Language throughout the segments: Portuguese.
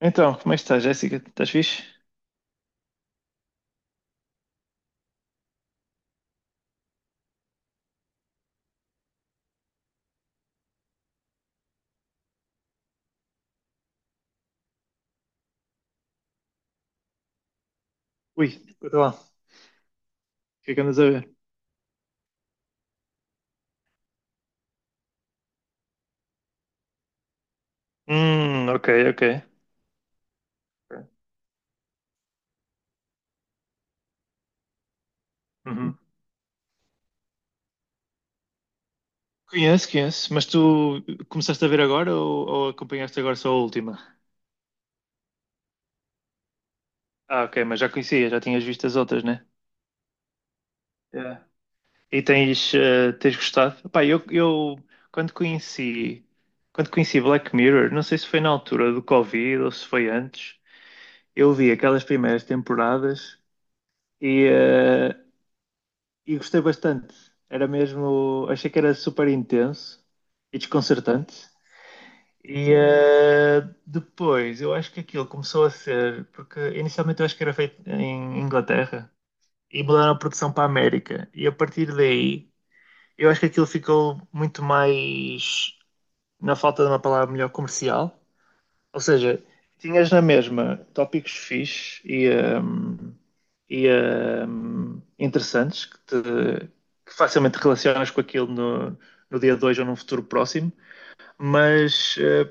Então, como é que estás, Jéssica? Estás fixe? Ui, escuta lá. O que é que andas a ver? Ok, ok. Uhum. Conheço, conheço. Mas tu começaste a ver agora ou acompanhaste agora só a última? Ah, ok, mas já conhecia, já tinhas visto as outras, né? Yeah. E tens gostado? Pá, eu quando conheci, quando conheci Black Mirror, não sei se foi na altura do Covid ou se foi antes, eu vi aquelas primeiras temporadas. e eh, e gostei bastante. Era mesmo, achei que era super intenso e desconcertante. E eh, Depois, eu acho que aquilo começou a ser, porque inicialmente eu acho que era feito em Inglaterra e mudaram a produção para a América. E a partir daí, eu acho que aquilo ficou muito mais, na falta de uma palavra melhor, comercial. Ou seja, tinhas na mesma tópicos fixe e interessantes que facilmente relacionas com aquilo no dia 2 ou num futuro próximo, mas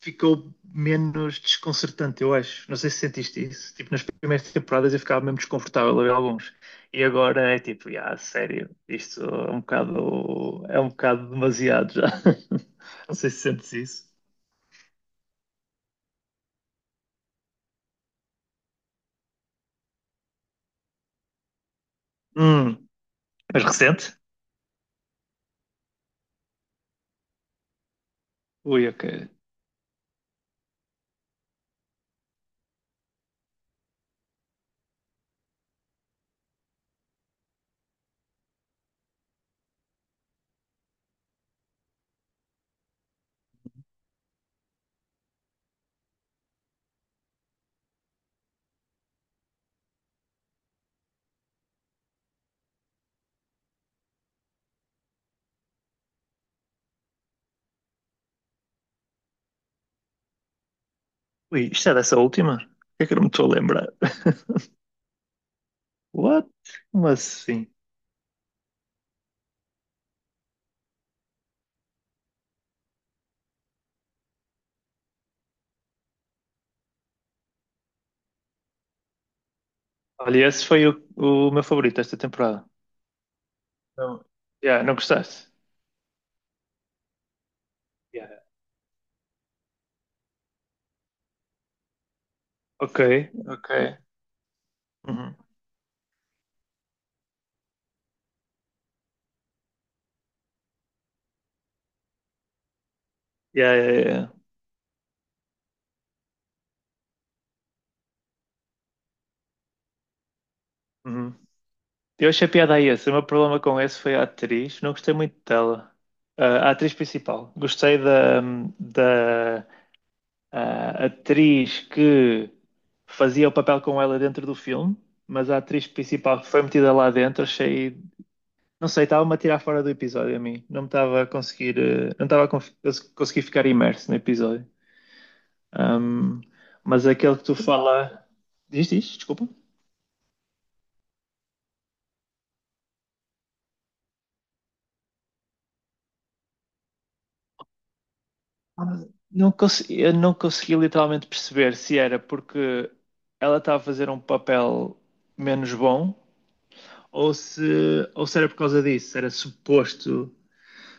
ficou menos desconcertante, eu acho. Não sei se sentiste isso. Tipo, nas primeiras temporadas eu ficava mesmo desconfortável a ver alguns. E agora é tipo, ah, sério, isto é um bocado demasiado já. Não sei se sentes isso. Hum, mas recente? Ui, ok. Ui, isto é dessa última? Que é que eu não me estou a lembrar? What? Como assim? Olha, esse foi o meu favorito esta temporada. Não, yeah, não gostaste? Yeah. Ok, ok. Uhum. Yeah, yeah, yeah. Uhum. Eu achei piada a esse. O meu problema com esse foi a atriz. Não gostei muito dela. Ah, a atriz principal. Gostei da atriz que fazia o papel com ela dentro do filme, mas a atriz principal que foi metida lá dentro achei. Não sei, estava-me a tirar fora do episódio a mim. Não me estava a conseguir, não estava a conseguir ficar imerso no episódio. Ahm, mas aquele que tu fala. Diz, diz, desculpa. Ah, eu não consegui literalmente perceber se era porque ela estava a fazer um papel menos bom ou se era por causa disso. Era suposto.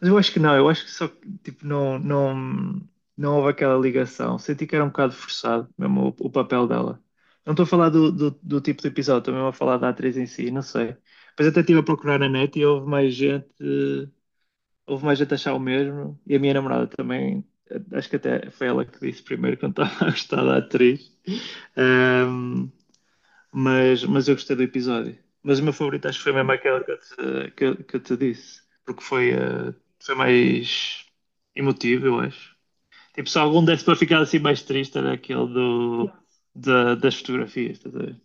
Mas eu acho que não, eu acho que só que, tipo, não, não, não houve aquela ligação. Senti que era um bocado forçado mesmo o papel dela. Não estou a falar do tipo de episódio, estou mesmo a falar da atriz em si, não sei. Depois até estive a procurar na net e houve mais gente a achar o mesmo. E a minha namorada também, acho que até foi ela que disse primeiro quando estava a gostar da atriz. Ahm, mas eu gostei do episódio. Mas o meu favorito acho que foi mesmo aquele que eu te disse, porque foi mais emotivo, eu acho. Tipo, se algum desse para ficar assim mais triste era aquele das fotografias, estás a ver?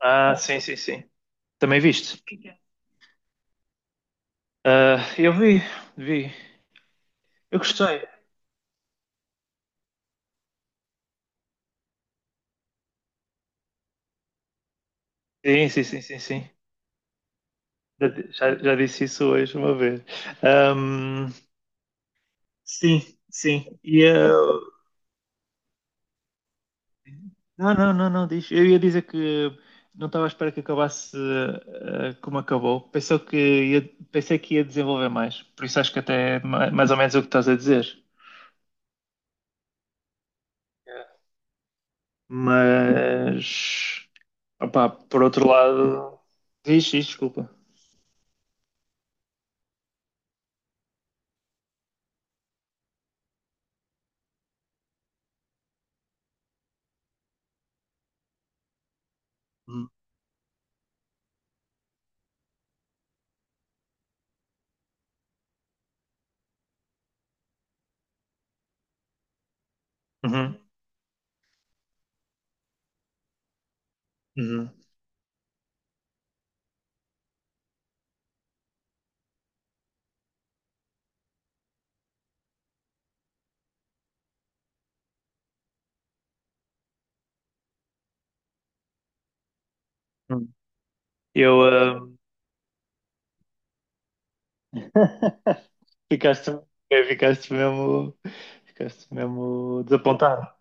Ah, sim, sim, sim. Também viste? Ah, eu vi, vi. Eu gostei. Sim, sim, sim, sim, sim. Já disse isso hoje uma vez. Ahm, sim, sim. Não, não, não, não, diz. Eu ia dizer que não estava à espera que acabasse como acabou. Pensei que ia desenvolver mais. Por isso acho que até é mais ou menos o que estás a dizer. Mas, opá, por outro lado, diz, diz, desculpa. Uhum, uhum, uhum. Eu, eh, ficaste, eh, ficaste mesmo, ficaste mesmo desapontado.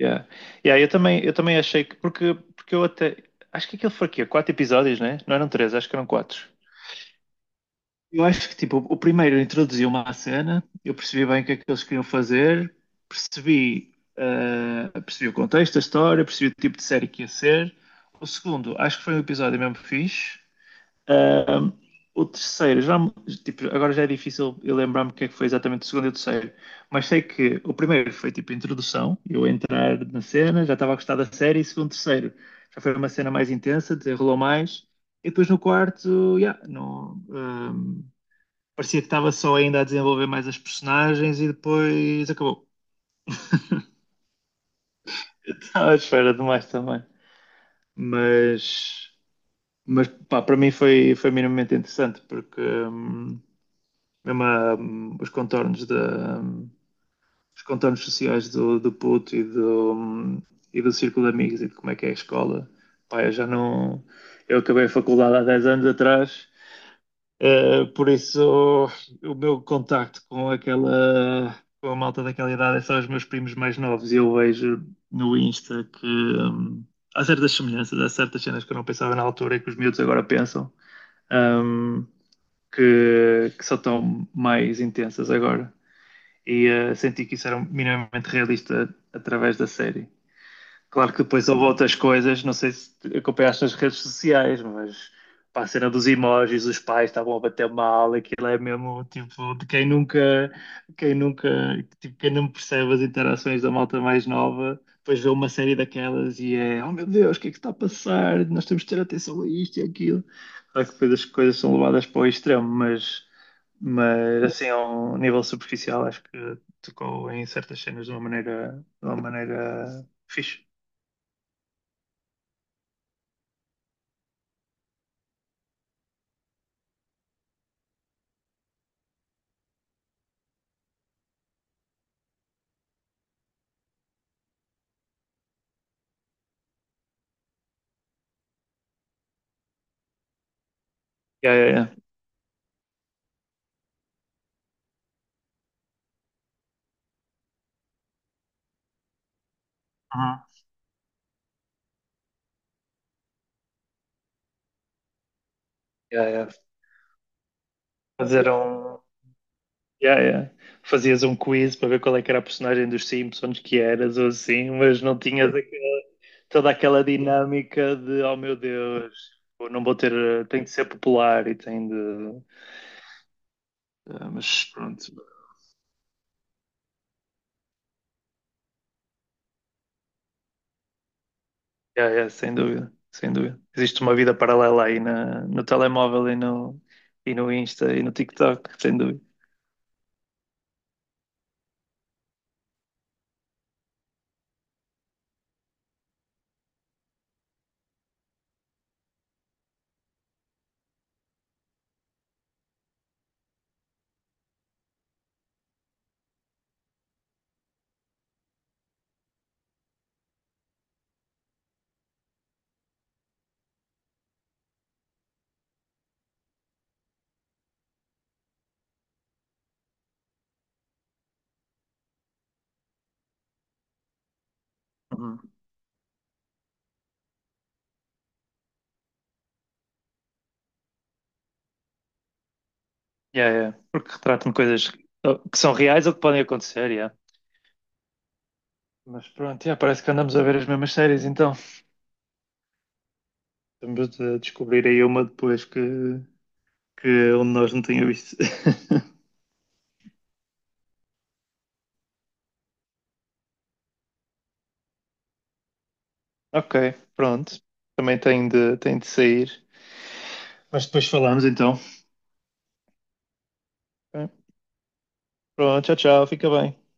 Yeah. Yeah, eu também achei que, porque eu até, acho que aquilo foi aqui, quatro episódios, né? Não eram três, acho que eram quatro. Eu acho que, tipo, o primeiro introduziu-me à cena, eu percebi bem o que é que eles queriam fazer, percebi o contexto, a história, percebi o tipo de série que ia ser. O segundo, acho que foi um episódio mesmo fixe. Ahm, o terceiro, já, tipo, agora já é difícil eu lembrar-me o que é que foi exatamente o segundo e o terceiro, mas sei que o primeiro foi tipo introdução, eu entrar na cena, já estava a gostar da série, e segundo, terceiro, já foi uma cena mais intensa, desenrolou mais, e depois no quarto, yeah, não, parecia que estava só ainda a desenvolver mais as personagens e depois acabou. Estava à espera demais também. Mas, mas pá, para mim foi minimamente interessante, porque mesmo a, os contornos da os contornos sociais do puto e do e do círculo de amigos e de como é que é a escola. Pá, eu já não eu acabei a faculdade há 10 anos atrás, por isso o meu contacto com aquela com a malta daquela idade é só os meus primos mais novos e eu vejo no Insta que há certas semelhanças, há certas cenas que eu não pensava na altura e que os miúdos agora pensam. hum, que só estão mais intensas agora e senti que isso era minimamente realista através da série. Claro que depois houve outras coisas, não sei se acompanhaste nas redes sociais, mas pá, a cena dos emojis, os pais estavam a bater mal, aquilo é mesmo tipo de quem nunca, tipo, quem não percebe as interações da malta mais nova, depois vê uma série daquelas e é, oh meu Deus, o que é que está a passar? Nós temos de ter atenção a isto e aquilo. Claro que depois as coisas são levadas para o extremo, mas, assim, a um nível superficial, acho que tocou em certas cenas de uma maneira fixe. Yeah, yeah, yeah. Uhum. Yeah, yeah. Fazer um. Yeah, yeah. Fazias um quiz para ver qual é que era a personagem dos Simpsons que eras ou assim, mas não tinhas toda aquela dinâmica de oh meu Deus, eu não vou ter, tem de ser popular e tem de. Ah, mas pronto. Yeah, yeah, sem dúvida, sem dúvida. Existe uma vida paralela aí no telemóvel e no Insta e no TikTok, sem dúvida. Uhum. Yeah, yeah. Porque retratam coisas que são reais ou que podem acontecer, yeah. Mas pronto, yeah, parece que andamos a ver as mesmas séries então. Estamos a descobrir aí uma depois que onde nós não tínhamos visto. Ok, pronto. Também tenho de sair. Mas depois falamos então. Ok. Pronto, tchau, tchau. Fica bem.